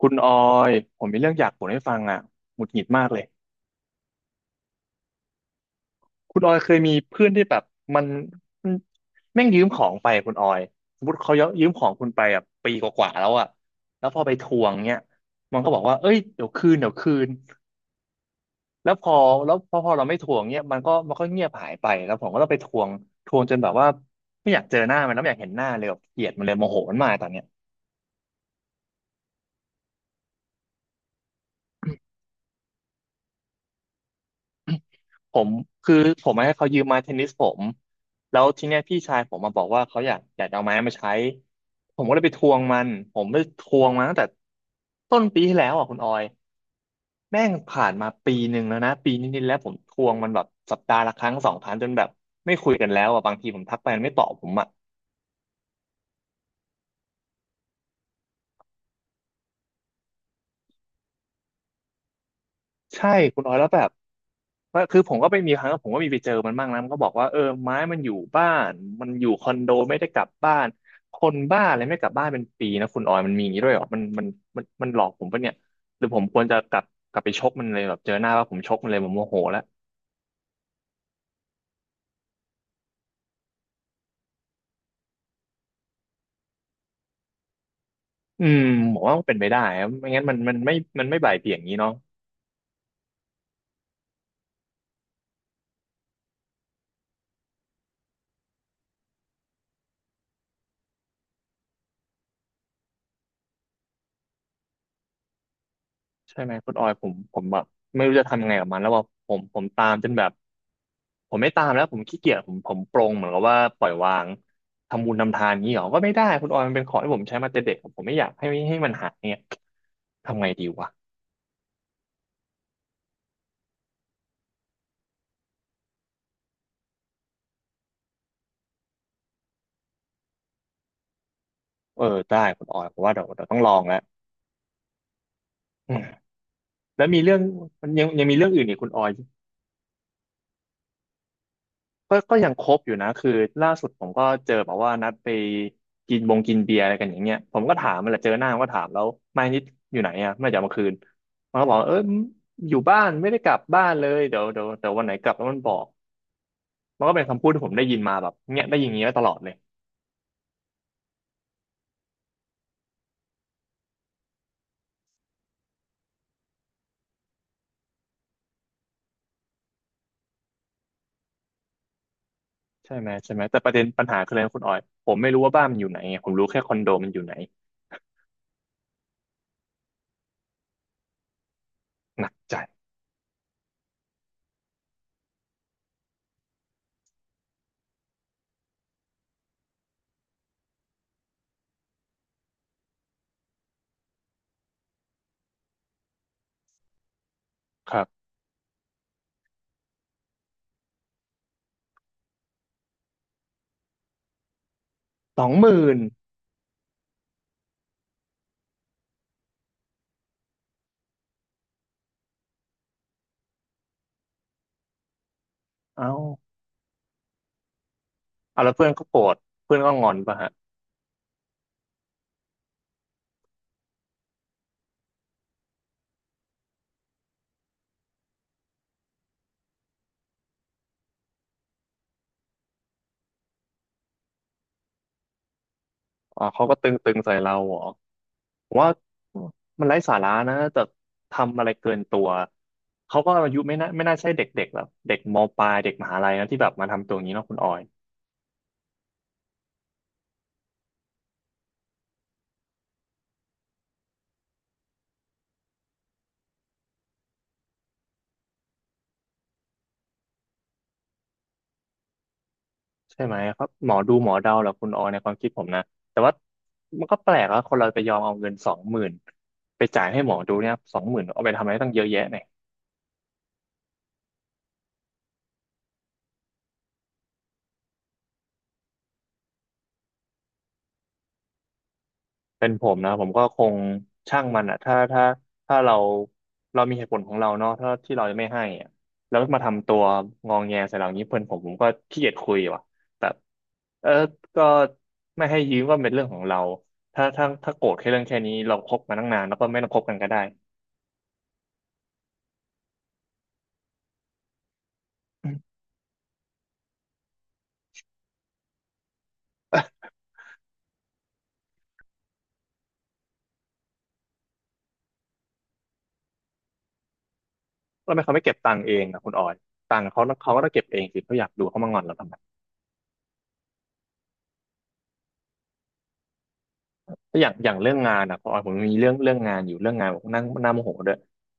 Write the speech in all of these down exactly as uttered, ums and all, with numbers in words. คุณออยผมมีเรื่องอยากบ่นให้ฟังอ่ะหงุดหงิดมากเลยคุณออยเคยมีเพื่อนที่แบบมันมันแม่งยืมของไปคุณออยสมมติเขายืมของคุณไปอ่ะปีกว่าๆแล้วอ่ะแล้วพอไปทวงเนี้ยมันก็บอกว่าเอ้ยเดี๋ยวคืนเดี๋ยวคืนแล้วพอแล้วพอพอเราไม่ทวงเนี้ยมันก็มันก็เงียบหายไปแล้วผมก็ต้องไปทวงทวงจนแบบว่าไม่อยากเจอหน้ามันแล้วไม่อยากเห็นหน้าเลยแบบเกลียดมันเลยโมโหมันมากตอนเนี้ย ผมคือผมให้เขายืมไม้เทนนิสผมแล้วทีเนี้ยพี่ชายผมมาบอกว่าเขาอยากอยากเอาไม้มาใช้ผมก็เลยไปทวงมันผมไปทวงมาตั้งแต่ต้นปีที่แล้วอ่ะคุณออยแม่งผ่านมาปีหนึ่งแล้วนะปีนิดๆแล้วผมทวงมันแบบสัปดาห์ละครั้งสองครั้งจนแบบไม่คุยกันแล้วอ่ะบางทีผมทักไปมันไม่ตอบผมอ่ะใช่คุณออยแล้วแบบ ว่าคือผมก็ไปมีครั้งผมก็มีไปเจอมันบ้างนะมันก็บอกว่าเออไม้มันอยู่บ้านมันอยู่คอนโดไม่ได้กลับบ้านคนบ้าอะไรไม่กลับบ้านเป็นปีนะคุณออยมันมีอย่างนี้ด้วยเหรอมันมันมันมันหลอกผมปะเนี่ยหรือผมควรจะกลับกลับไปชกมันเลยแบบเจอหน้าว่าผมชกมันเลยผมโมโหแล้วอืมผมว่ามันเป็นไปได้ครับไม่งั้นมันมันไม่มันไม่บ่ายเบี่ยงอย่างนี้เนาะ ใช่ไหมคุณออยผมผมแบบไม่รู้จะทำไงกับมันแล้วว่าผมผมตามจนแบบผมไม่ตามแล้วผมขี้เกียจผมผมปรงเหมือนกับว่าปล่อยวางทำบุญทำทานนี้หรอก็ไม่ได้คุณออยมันเป็นของที่ผมใช้มาแต่เด็กผมไม่อยากให้ให้มันหายเนี่ยทำไงดีวะเออได้คุณออยผมว่าเดี๋ยวเดี๋ยวต้องลองแล้วอืมแล้วมีเรื่องมันยังยังมีเรื่องอื่นอีกคุณออย ก็ก็ยังคบอยู่นะคือล่าสุดผมก็เจอแบบว่านัดไปกินบงกินเบียร์อะไรกันอย่างเงี้ยผมก็ถามมันแหละเจอหน้ามันก็ถามแล้วไม่นิดอยู่ไหนอ่ะไม่จะเอามาคืนมันก็บอกเอออยู่บ้านไม่ได้กลับบ้านเลยเดี๋ยวเดี๋ยวเดี๋ยววันไหนกลับแล้วมันบอกมันก็เป็นคำพูดที่ผมได้ยินมาแบบเนี้ยได้ยินอย่างเงี้ยตลอดเลยใช่ไหมใช่ไหมแต่ประเด็นปัญหาคืออะไรนะคุณออยผมไม่รู้ว่าบ้านมันอยู่ไหนไงผมรู้แค่คอนโดมันอยู่ไหนหนักใจครับสองหมื่นเอ้าเอาแล้วเพื่อนเขาโกรธเพื่อนก็งอนปะฮะอ๋อเขาก็ตึงๆใส่เราเหรอ ผมว่ามันไร้สาระนะแต่ทำอะไรเกินตัวเขาก็อายุไม่น่าไม่น่าใช่เด็กๆแบบเด็กมปลายเด็กมหาลัยนะที่แบบมาทำตัวอย่างนี้เนาะคุณออยใช่ไหมครับหมอดูหมอเดาแหละคุณออยในความคิดผมนะแต่ว่ามันก็แปลกว่าคนเราไปยอมเอาเงินสองหมื่นไปจ่ายให้หมอดูเนี่ยสองหมื่นเอาไปทำอะไรตั้งเยอะแยะนย เป็นผมนะผมก็คงช่างมันอ่ะถ้าถ้าถ้าเราเรามีเหตุผลของเราเนาะถ้าที่เราไม่ให้อะแล้วมาทำตัวงองแงใส่เราอย่างนี้เพื่อนผมผมก็ขี้เกียจคุยว่ะแบบเออก็ไม่ให้ยืมก็เป็นเรื่องของเราถ้าถ้าถ้าโกรธแค่เรื่องแค่นี้เราคบมาตั้งนานแล้วก็ไม่ต้องคบกันก็ได้ แล้วทำไมเขาไม่เก็บตังค์เองอ่ะคุณออยตังค์เขาเขาก็ต้องเก็บเองสิเขาอยากดูเขามางอนเราทำไม ก็อย่างอย่างเรื่องงานอ่ะพอออยผมมีเรื่องเรื่องงานอยู่เรื่องงานผมนั่งหน้าโมโหด้วย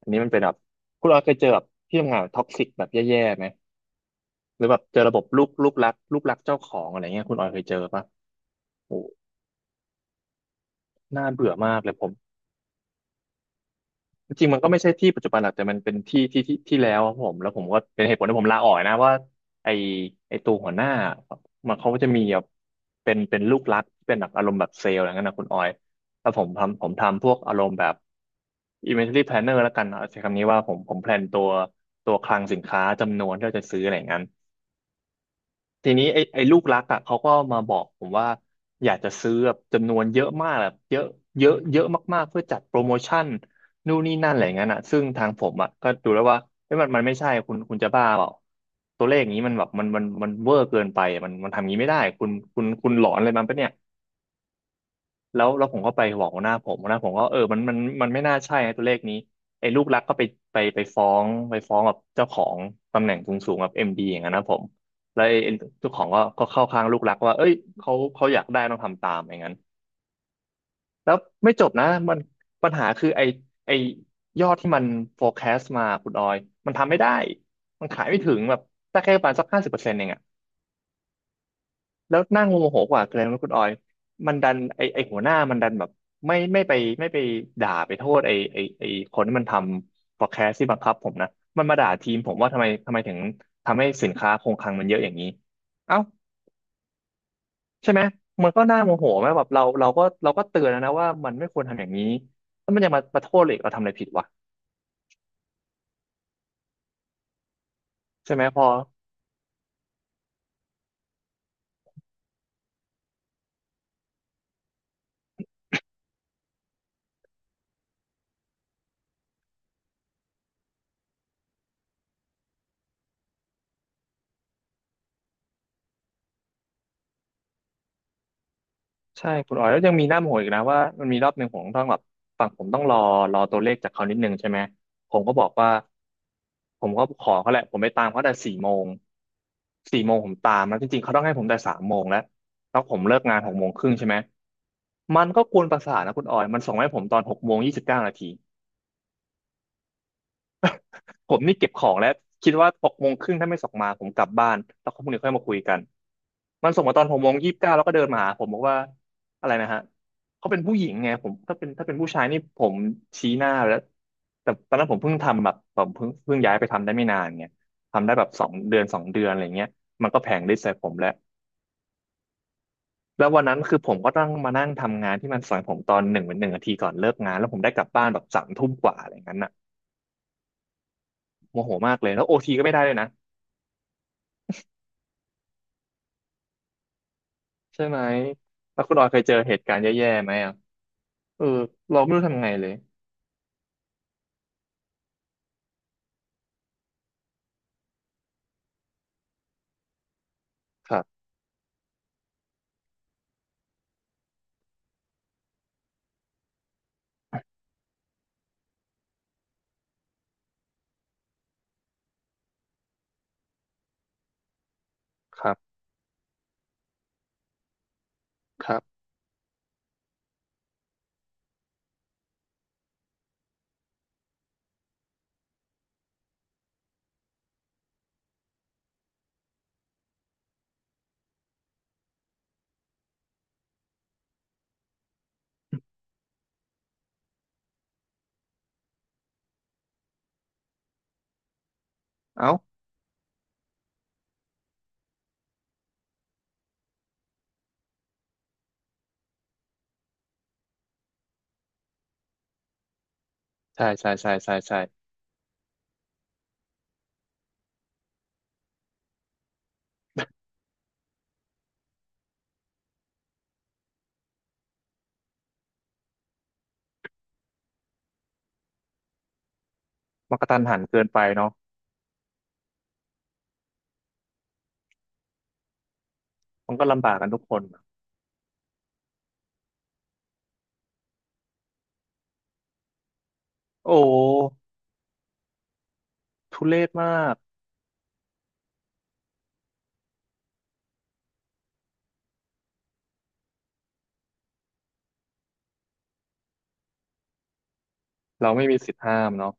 อันนี้มันเป็นแบบคุณออยเคยเจอแบบที่ทำงานท็อกซิกแบบแย่ๆไหมหรือแบบเจอระบบลูกลูกรักลูกรักเจ้าของอะไรเงี้ยคุณออยเคยเจอปะโอ้น่าเบื่อมากเลยผม จริงๆมันก็ไม่ใช่ที่ปัจจุบันหรอกแต่มันเป็นที่ที่ที่ที่แล้วครับผมแล้วผมก็เป็นเหตุผลที่ผมลาออกนะว่าไอไอตัวหัวหน้ามันเขาก็จะมีแบบเป็นเป็นลูกรักเป็นแบบอารมณ์แบบเซลล์อะไรเงี้ยนะคุณออยแล้วผมทำผมทำพวกอารมณ์แบบ inventory planner แล้วกันเอาใช้คำนี้ว่าผมผมแพลนตัวตัวคลังสินค้าจำนวนที่เราจะซื้ออะไรอย่างนั้น ทีนี้ไอ้ไอ้ลูกรักอ่ะเขาก็มาบอกผมว่าอยากจะซื้อแบบจำนวนเยอะมากแบบเยอะเยอะเยอะมากๆเพื่อจัดโปรโมชั่นนู่นนี่นั่นอะไรอย่างนั้นอ่ะซึ่งทางผมอ่ะก็ดูแล้วว่าเอ้ยมันมันไม่ใช่คุณคุณจะบ้าเปล่าตัวเลขอย่างนี้มันแบบมันมันมันเวอร์เกินไปอะมันมันทำอย่างนี้ไม่ได้คุณคุณคุณหลอนอะไรมันปะเนี่ย แล้วแล้วผมก็ไปบอกหัวหน้าผมหัวหน้าผมก็เออมันมันมันไม่น่าใช่นะตัวเลขนี้ไอ้ลูกรักก็ไปไปไปฟ้องไปฟ้องกับเจ้าของตำแหน่งสูงสูงกับเอ็มดีอย่างนั้นนะผมแล้วไอ้ไอ้เจ้าของก็ก็เข้าข้างลูกรักว่าเอ้ยเขาเขาอยากได้ต้องทำตามอย่างนั้นแล้วไม่จบนะมันปัญหาคือไอ้ไอ้ยอดที่มัน forecast มาคุณออยมันทำไม่ได้มันขายไม่ถึงแบบได้แค่ประมาณสักห้าสิบเปอร์เซ็นต์เอง แล้วนั่งโมโหกว่าคืออะไรรู้ไหมคุณออยมันดันไอไอหัวหน้ามันดันแบบไม่ไม่ไปไม่ไปด่าไปโทษไอไอไอคนที่มันทำ podcast ที่บังคับผมนะมันมาด่าทีมผมว่าทำไมทำไมถึงทำให้สินค้าคงคลังมันเยอะอย่างนี้เอ้าใช่ไหมมันก็น่าโมโหไหมแบบเราเราก็เราก็เตือนแล้วนะว่ามันไม่ควรทำอย่างนี้แล้วมันยังมามาโทษเลยเราทำอะไรผิดวะใช่ไหมพอ ใช่คุณอ๋อยแล้วยังมีหน้าโมโหอีกนะว่ามันมีรอบหนึ่งผมต้องแบบฝั่งผมต้องรอรอตัวเลขจากเขานิดนึงใช่ไหมผมก็บอกว่าผมก็ขอเขาแหละผมไปตามเขาแต่สี่โมงสี่โมงผมตามแล้วจริงๆเขาต้องให้ผมแต่สามโมงแล้วแล้วผมเลิกงานหกโมงครึ่งใช่ไหมมันก็กวนประสาทนะคุณออยมันส่งมาให้ผมตอนหกโมงยี่สิบเก้านาที ผมนี่เก็บของแล้วคิดว่าหกโมงครึ่งถ้าไม่ส่งมาผมกลับบ้านแล้วพรุ่งนี้ค่อยมาคุยกันมันส่งมาตอนหกโมงยี่สิบเก้าแล้วก็เดินมาหาผมบอกว่าอะไรนะฮะเขาเป็นผู้หญิงไงผมถ้าเป็นถ้าเป็นผู้ชายนี่ผมชี้หน้าไปแล้วแต่ตอนนั้นผมเพิ่งทำแบบผมเพิ่งเพิ่งย้ายไปทำได้ไม่นานไงทำได้แบบสองเดือนสองเดือนอะไรเงี้ยมันก็แผลงฤทธิ์ใส่ผมแล้วแล้ววันนั้นคือผมก็ต้องมานั่งทำงานที่มันสอนผมตอนหนึ่งเป็นหนึ่งนาทีก่อนเลิกงานแล้วผมได้กลับบ้านแบบสามทุ่มกว่าอะไรอย่างนั้นน่ะโมโหมากเลยแล้วโอทีก็ไม่ได้เลยนะ ใช่ไหม แล้วคุณออยเคยเจอเหตุการณ์แย่ๆไหมอ่ะเออเราไม่รู้ทำไงเลย ครับ ครับครับเอ้าใช่ใช่ใช่ใช่ใช่มันกระทันหันเกินไปเนาะมันก็ลำบากกันทุกคนอะโอ้ ทุเรศมาก เราไม่มีสิทธิ์ห้ามเนาะ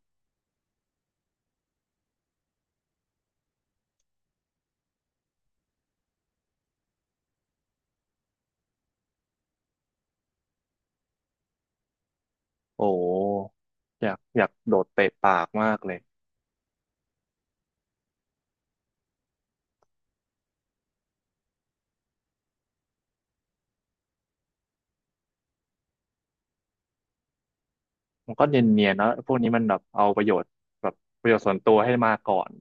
โอ้อยากอยากโดดเตะปากมากเลย มันก็เนียนๆนะพวกนี้มันแบบเอาประโยชน์แบบประโยชน์ส่วนตัวให้มาก่อน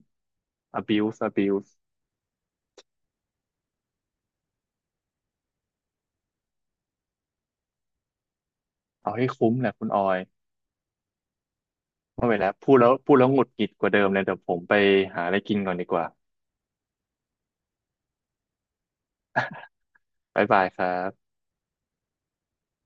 abuse abuse เอาให้คุ้มแหละคุณออยไม่ไหวแล้วพูดแล้วพูดแล้วหงุดหงิดกว่าเดิมเลยเดี๋ยวผมไปหาอะไรกินก่อนดีกว่า บ๊ายบายครบ